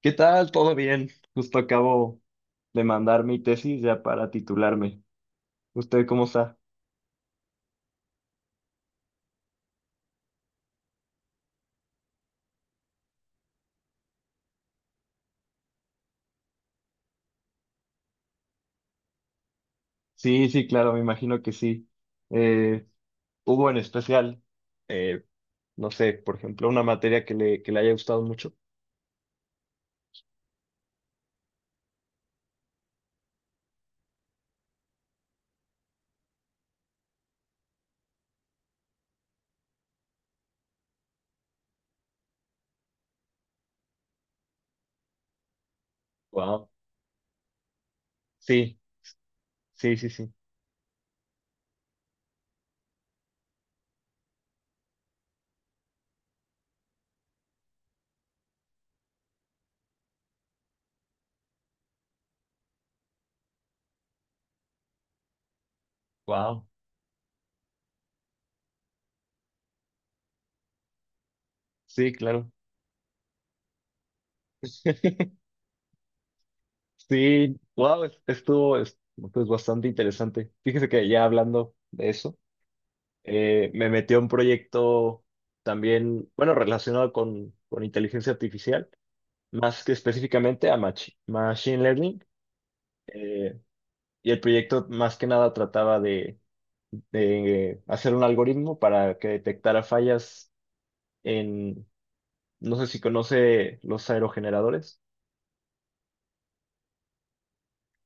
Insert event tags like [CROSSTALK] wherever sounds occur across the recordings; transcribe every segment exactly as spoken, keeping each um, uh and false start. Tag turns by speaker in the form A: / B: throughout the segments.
A: ¿Qué tal? ¿Todo bien? Justo acabo de mandar mi tesis ya para titularme. ¿Usted cómo está? Sí, sí, claro, me imagino que sí. Eh, Hubo en especial, eh, no sé, por ejemplo, una materia que le, que le haya gustado mucho. Wow. Sí, sí, sí, sí. Wow. Sí, claro. Sí, wow, estuvo es, pues, bastante interesante. Fíjese que ya hablando de eso, eh, me metí a un proyecto también, bueno, relacionado con, con inteligencia artificial. Más que específicamente a machi- Machine Learning. eh, y el proyecto más que nada trataba de, de hacer un algoritmo para que detectara fallas en, no sé si conoce los aerogeneradores,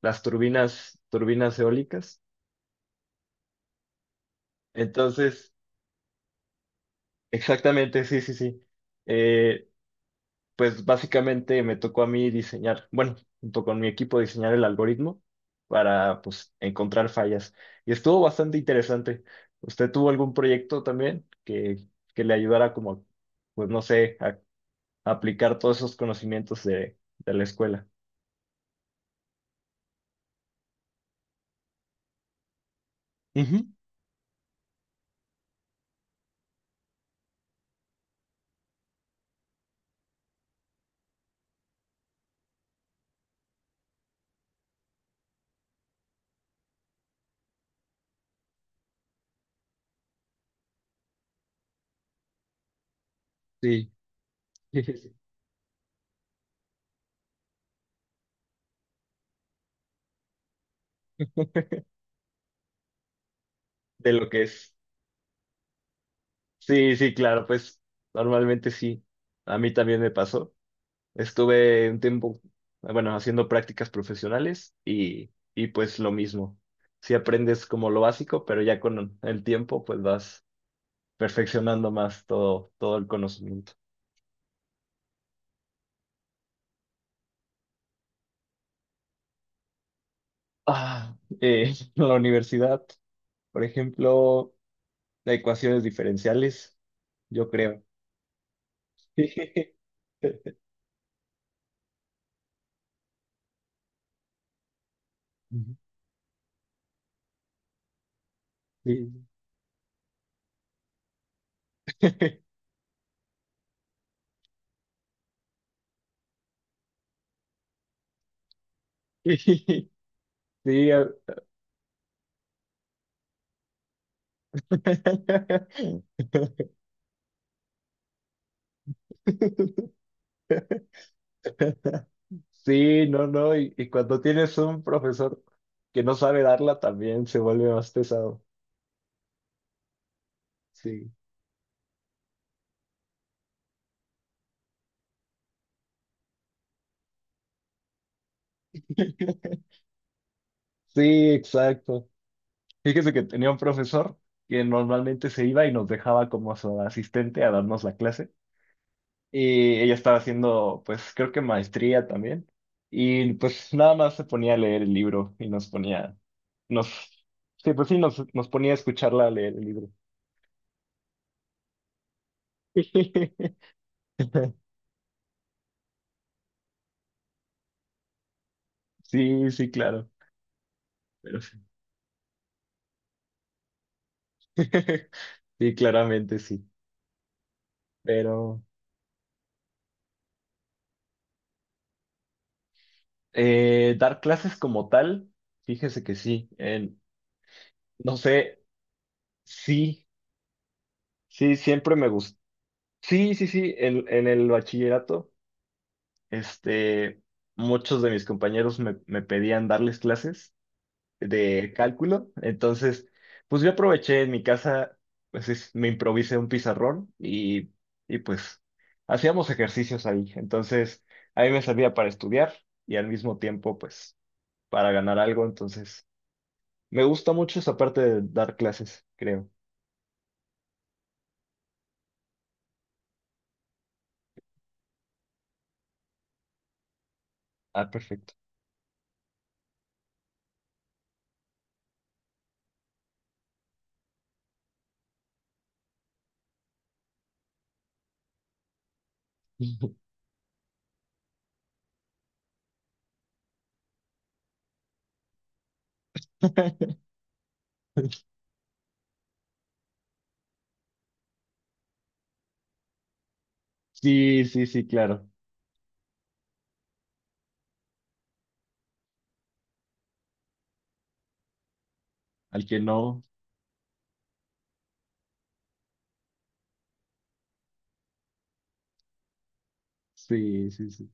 A: las turbinas, turbinas eólicas. Entonces, exactamente, sí, sí, sí. Eh, pues básicamente me tocó a mí diseñar, bueno, junto con mi equipo diseñar el algoritmo para pues encontrar fallas. Y estuvo bastante interesante. ¿Usted tuvo algún proyecto también que, que le ayudara como, pues no sé, a, a aplicar todos esos conocimientos de, de la escuela? Ujú, sí. [LAUGHS] De lo que es. Sí, sí, claro, pues normalmente sí. A mí también me pasó. Estuve un tiempo, bueno, haciendo prácticas profesionales y, y pues lo mismo. Si aprendes como lo básico, pero ya con el tiempo pues vas perfeccionando más todo, todo el conocimiento. Ah, eh, [LAUGHS] la universidad, por ejemplo, de ecuaciones diferenciales, yo creo. [LAUGHS] Sí. Sí. [LAUGHS] Sí, [LAUGHS] [LAUGHS] sí, no, no, y, y cuando tienes un profesor que no sabe darla también se vuelve más pesado. Sí, [LAUGHS] sí, exacto. Fíjese que tenía un profesor que normalmente se iba y nos dejaba como su asistente a darnos la clase y ella estaba haciendo, pues creo que maestría también y pues nada más se ponía a leer el libro y nos ponía, nos, sí, pues sí, nos, nos ponía a escucharla leer el libro. [LAUGHS] Sí, sí, claro, pero sí. [LAUGHS] Sí, claramente sí. Pero eh, dar clases como tal, fíjese que sí. En, no sé, sí, sí, siempre me gustó. Sí, sí, sí, en, en el bachillerato, este, muchos de mis compañeros me, me pedían darles clases de cálculo. Entonces, pues yo aproveché en mi casa, pues es- me improvisé un pizarrón y, y pues hacíamos ejercicios ahí. Entonces, a mí me servía para estudiar y al mismo tiempo, pues, para ganar algo, entonces me gusta mucho esa parte de dar clases, creo. Ah, perfecto. [LAUGHS] Sí, sí, sí, claro. Al que no, sí, sí, sí.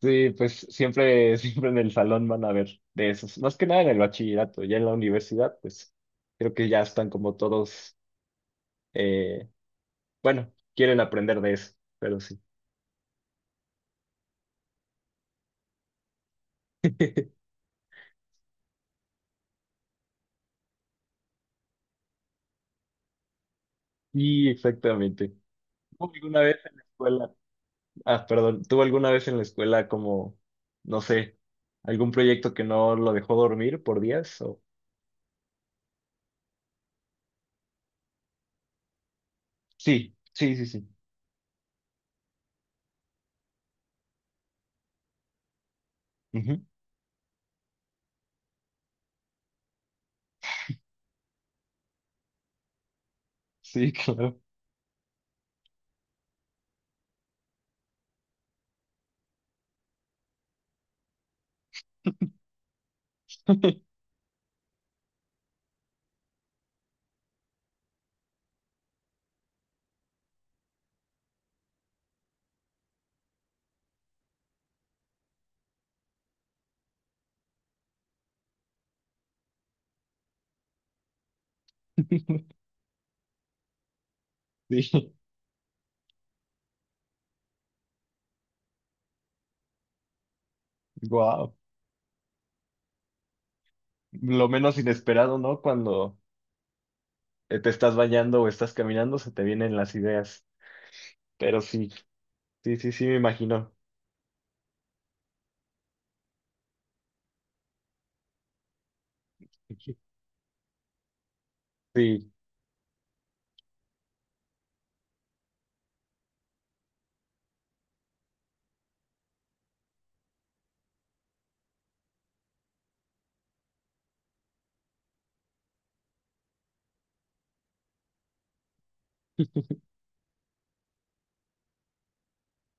A: Sí, pues siempre, [LAUGHS] siempre en el salón van a ver de esos. Más que nada en el bachillerato, ya en la universidad, pues creo que ya están como todos, eh, bueno, quieren aprender de eso, pero sí. Sí, exactamente. ¿Hubo alguna vez en la escuela? Ah, perdón, ¿tuvo alguna vez en la escuela como, no sé, algún proyecto que no lo dejó dormir por días? O. Sí, sí, sí, sí. Ujú. Sí, claro. [LAUGHS] Sí, wow. Lo menos inesperado, ¿no? Cuando eh, te estás bañando o estás caminando, se te vienen las ideas. Pero sí, sí, sí, sí, me imagino. Sí.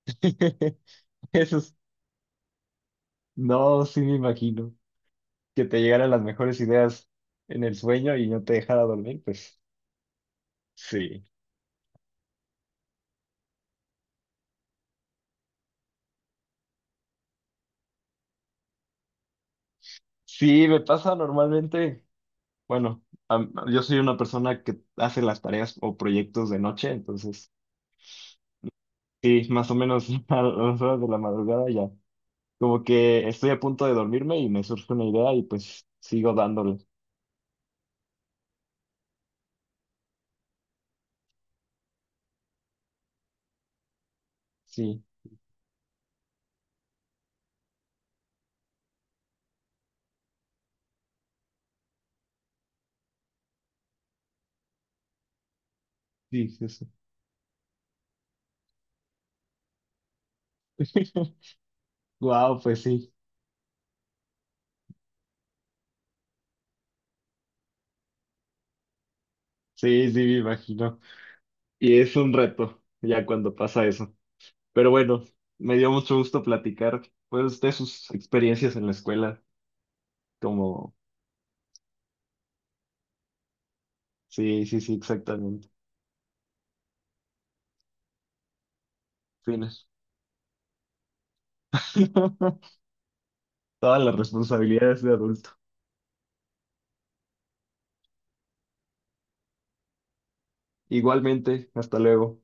A: [LAUGHS] Eso es- no, sí me imagino. Que te llegaran las mejores ideas en el sueño y no te dejara dormir, pues sí. Sí, me pasa normalmente, bueno, am- yo soy una persona que hace las tareas o proyectos de noche, entonces sí, más o menos [LAUGHS] a las horas de la madrugada ya, como que estoy a punto de dormirme y me surge una idea y pues sigo dándole. Sí, sí, sí, sí. [LAUGHS] Wow, pues sí, sí, sí, me imagino. Y es un reto ya cuando pasa eso. Pero bueno, me dio mucho gusto platicar pues de sus experiencias en la escuela, como, sí, sí, sí, exactamente. Fines. [LAUGHS] Todas las responsabilidades de adulto. Igualmente, hasta luego.